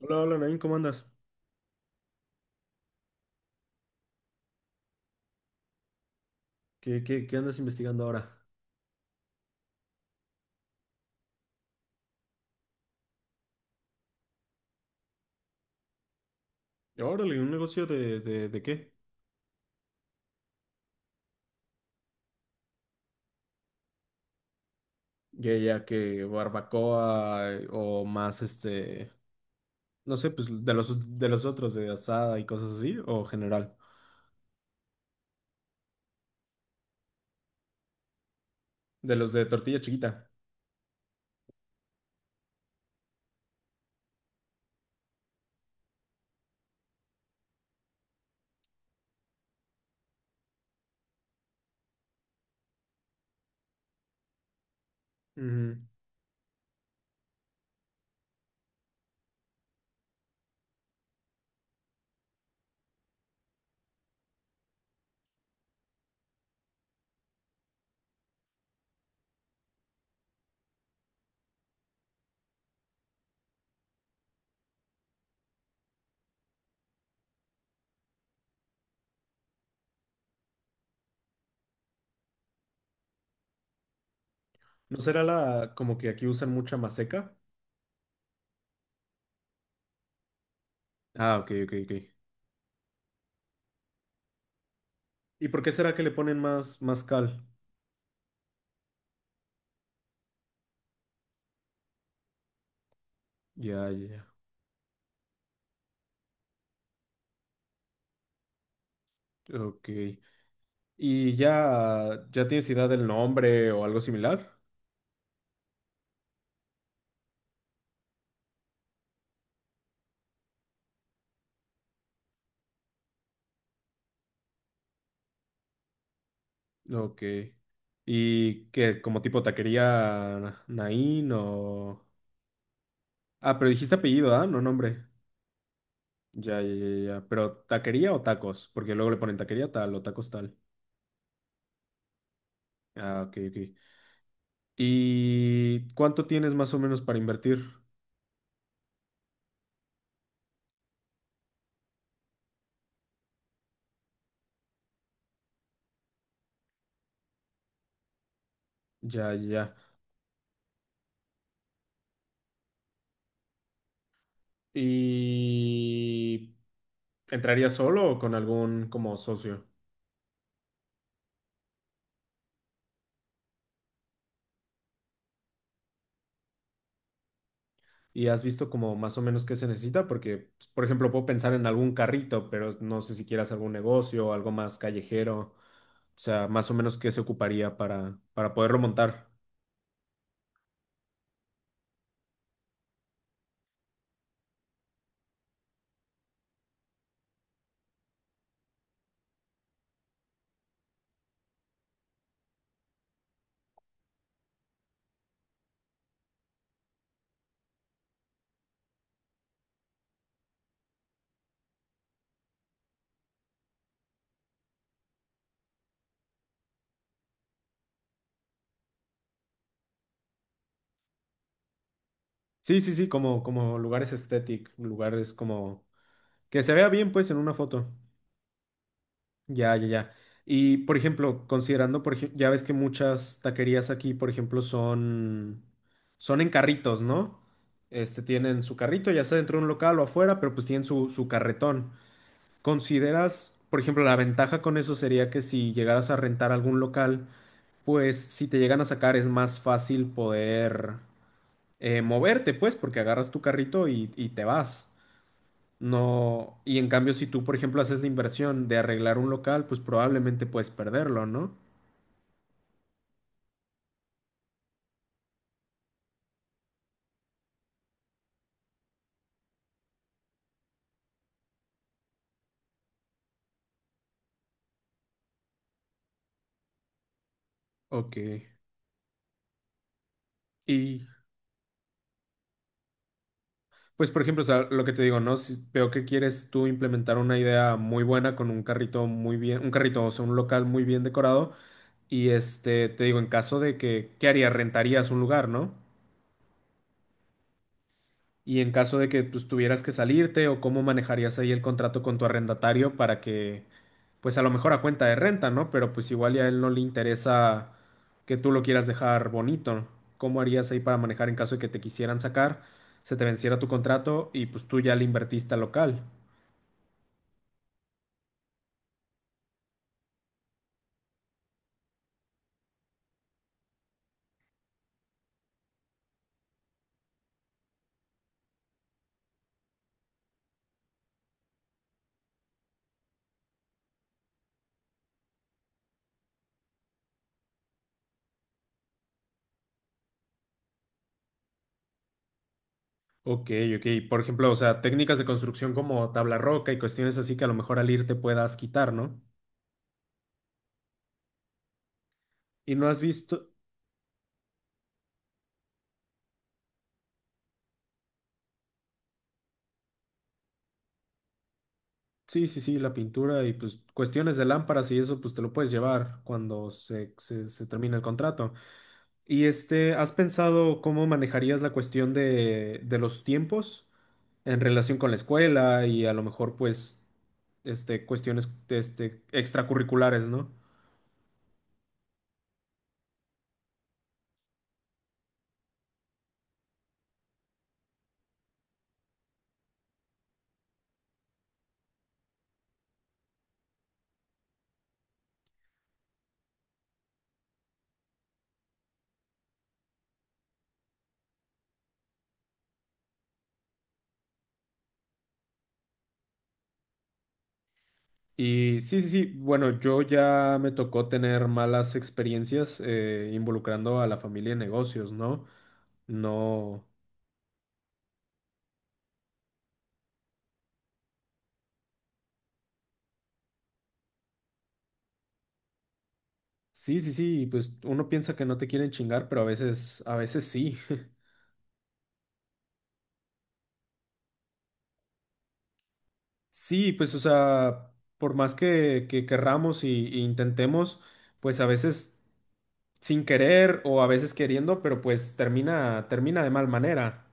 Hola, hola, Nain, ¿cómo andas? ¿Qué andas investigando ahora? Órale, ¿un negocio de qué? Ya, ya que barbacoa o más no sé, pues de los otros, de asada y cosas así, o general, de los de tortilla chiquita. Ujú. ¿No será la como que aquí usan mucha maseca? Ah, ok, ok, ok. ¿Y por qué será que le ponen más cal? Ya, ya, ya. Ok. ¿Y ya, ya tienes idea del nombre o algo similar? Ok. ¿Y qué, como tipo taquería Naín o...? Ah, pero dijiste apellido, ¿ah? No, nombre. Ya, ya, ya, ya. ¿Pero taquería o tacos? Porque luego le ponen taquería tal o tacos tal. Ah, ok, ok. ¿Y cuánto tienes más o menos para invertir? Ya, ya, ya. ¿Y entrarías solo o con algún como socio? Y has visto como más o menos qué se necesita, porque, pues, por ejemplo, puedo pensar en algún carrito, pero no sé si quieras algún negocio o algo más callejero, o sea, más o menos qué se ocuparía para poderlo montar. Sí, sí, sí, como, como lugares estéticos, lugares como que se vea bien, pues, en una foto. Ya, ya, ya. Y, por ejemplo, considerando, por ejemplo, ya ves que muchas taquerías aquí, por ejemplo, son, son en carritos, ¿no? Este, tienen su carrito, ya sea dentro de un local o afuera, pero pues tienen su carretón. ¿Consideras, por ejemplo, la ventaja con eso sería que si llegaras a rentar algún local, pues si te llegan a sacar es más fácil poder moverte, pues, porque agarras tu carrito y te vas. No, y en cambio, si tú, por ejemplo, haces la inversión de arreglar un local, pues probablemente puedes perderlo, ¿no? Ok. Y pues, por ejemplo, o sea, lo que te digo, ¿no? Si veo que quieres tú implementar una idea muy buena con un carrito muy bien, un carrito, o sea, un local muy bien decorado. Y este, te digo, en caso de que, ¿qué harías? Rentarías un lugar, ¿no? Y en caso de que pues, tuvieras que salirte o cómo manejarías ahí el contrato con tu arrendatario para que, pues a lo mejor a cuenta de renta, ¿no? Pero pues igual ya a él no le interesa que tú lo quieras dejar bonito. ¿Cómo harías ahí para manejar en caso de que te quisieran sacar, se te venciera tu contrato y pues tú ya le invertiste al local? Ok, ok. Por ejemplo, o sea, técnicas de construcción como tabla roca y cuestiones así que a lo mejor al irte puedas quitar, ¿no? Y no has visto... Sí, sí, sí, la pintura y pues cuestiones de lámparas y eso pues te lo puedes llevar cuando se termine el contrato. Y este, ¿has pensado cómo manejarías la cuestión de los tiempos en relación con la escuela y a lo mejor pues este, cuestiones este, extracurriculares, ¿no? Y sí, sí, sí, bueno, yo ya me tocó tener malas experiencias involucrando a la familia en negocios, ¿no? No. Sí, sí, sí, pues uno piensa que no te quieren chingar, pero a veces sí. Sí, pues o sea, por más que querramos y intentemos, pues a veces sin querer o a veces queriendo, pero pues termina, termina de mal manera.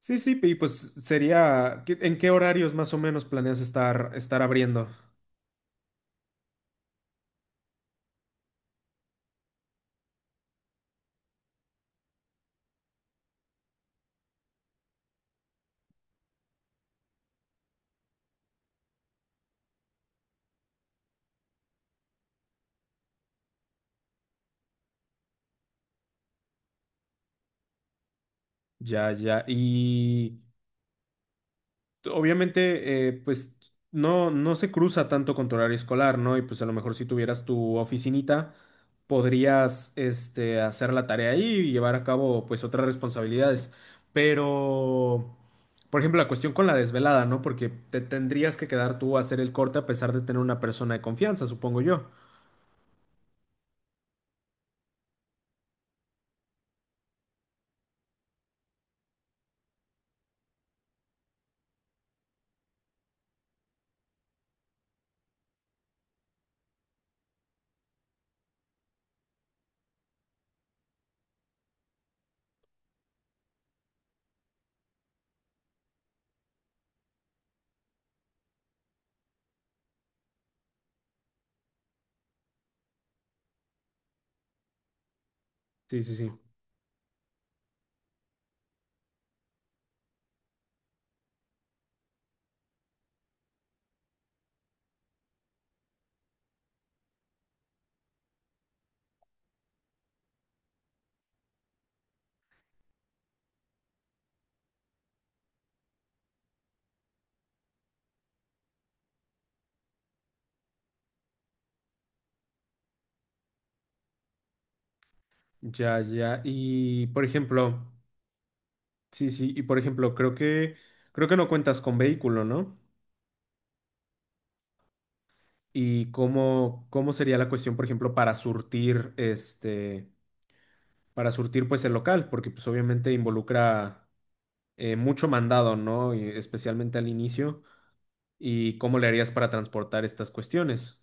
Sí, sí, y pues sería, ¿qué? ¿En qué horarios más o menos planeas estar, estar abriendo? Ya, ya. Y obviamente, pues no, no se cruza tanto con tu horario escolar, ¿no? Y pues a lo mejor si tuvieras tu oficinita, podrías este, hacer la tarea ahí y llevar a cabo pues otras responsabilidades. Pero, por ejemplo, la cuestión con la desvelada, ¿no? Porque te tendrías que quedar tú a hacer el corte a pesar de tener una persona de confianza, supongo yo. Sí, sí, sí. Ya, ya. Y por ejemplo, sí, sí, y por ejemplo, creo que no cuentas con vehículo, ¿no? Y cómo, cómo sería la cuestión, por ejemplo, para surtir este, para surtir pues el local, porque pues obviamente involucra mucho mandado, ¿no? Y especialmente al inicio. ¿Y cómo le harías para transportar estas cuestiones?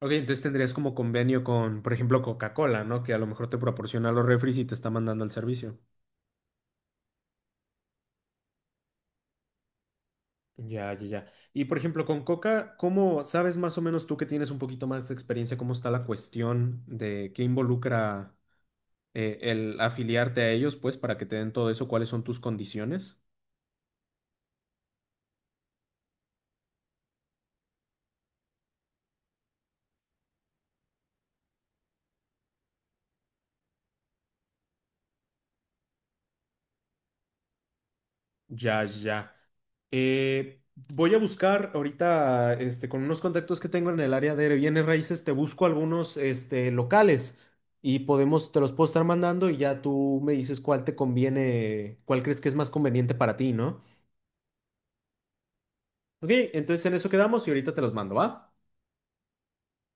Ok, entonces tendrías como convenio con, por ejemplo, Coca-Cola, ¿no? Que a lo mejor te proporciona los refris y te está mandando el servicio. Ya, ya, ya. Y por ejemplo, con Coca, ¿cómo sabes más o menos tú que tienes un poquito más de experiencia, cómo está la cuestión de qué involucra el afiliarte a ellos, pues, para que te den todo eso, cuáles son tus condiciones? Ya, ya. Voy a buscar ahorita, este, con unos contactos que tengo en el área de bienes raíces, te busco algunos, este, locales y podemos, te los puedo estar mandando y ya tú me dices cuál te conviene, cuál crees que es más conveniente para ti, ¿no? Ok, entonces en eso quedamos y ahorita te los mando, ¿va?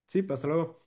Sí, hasta luego.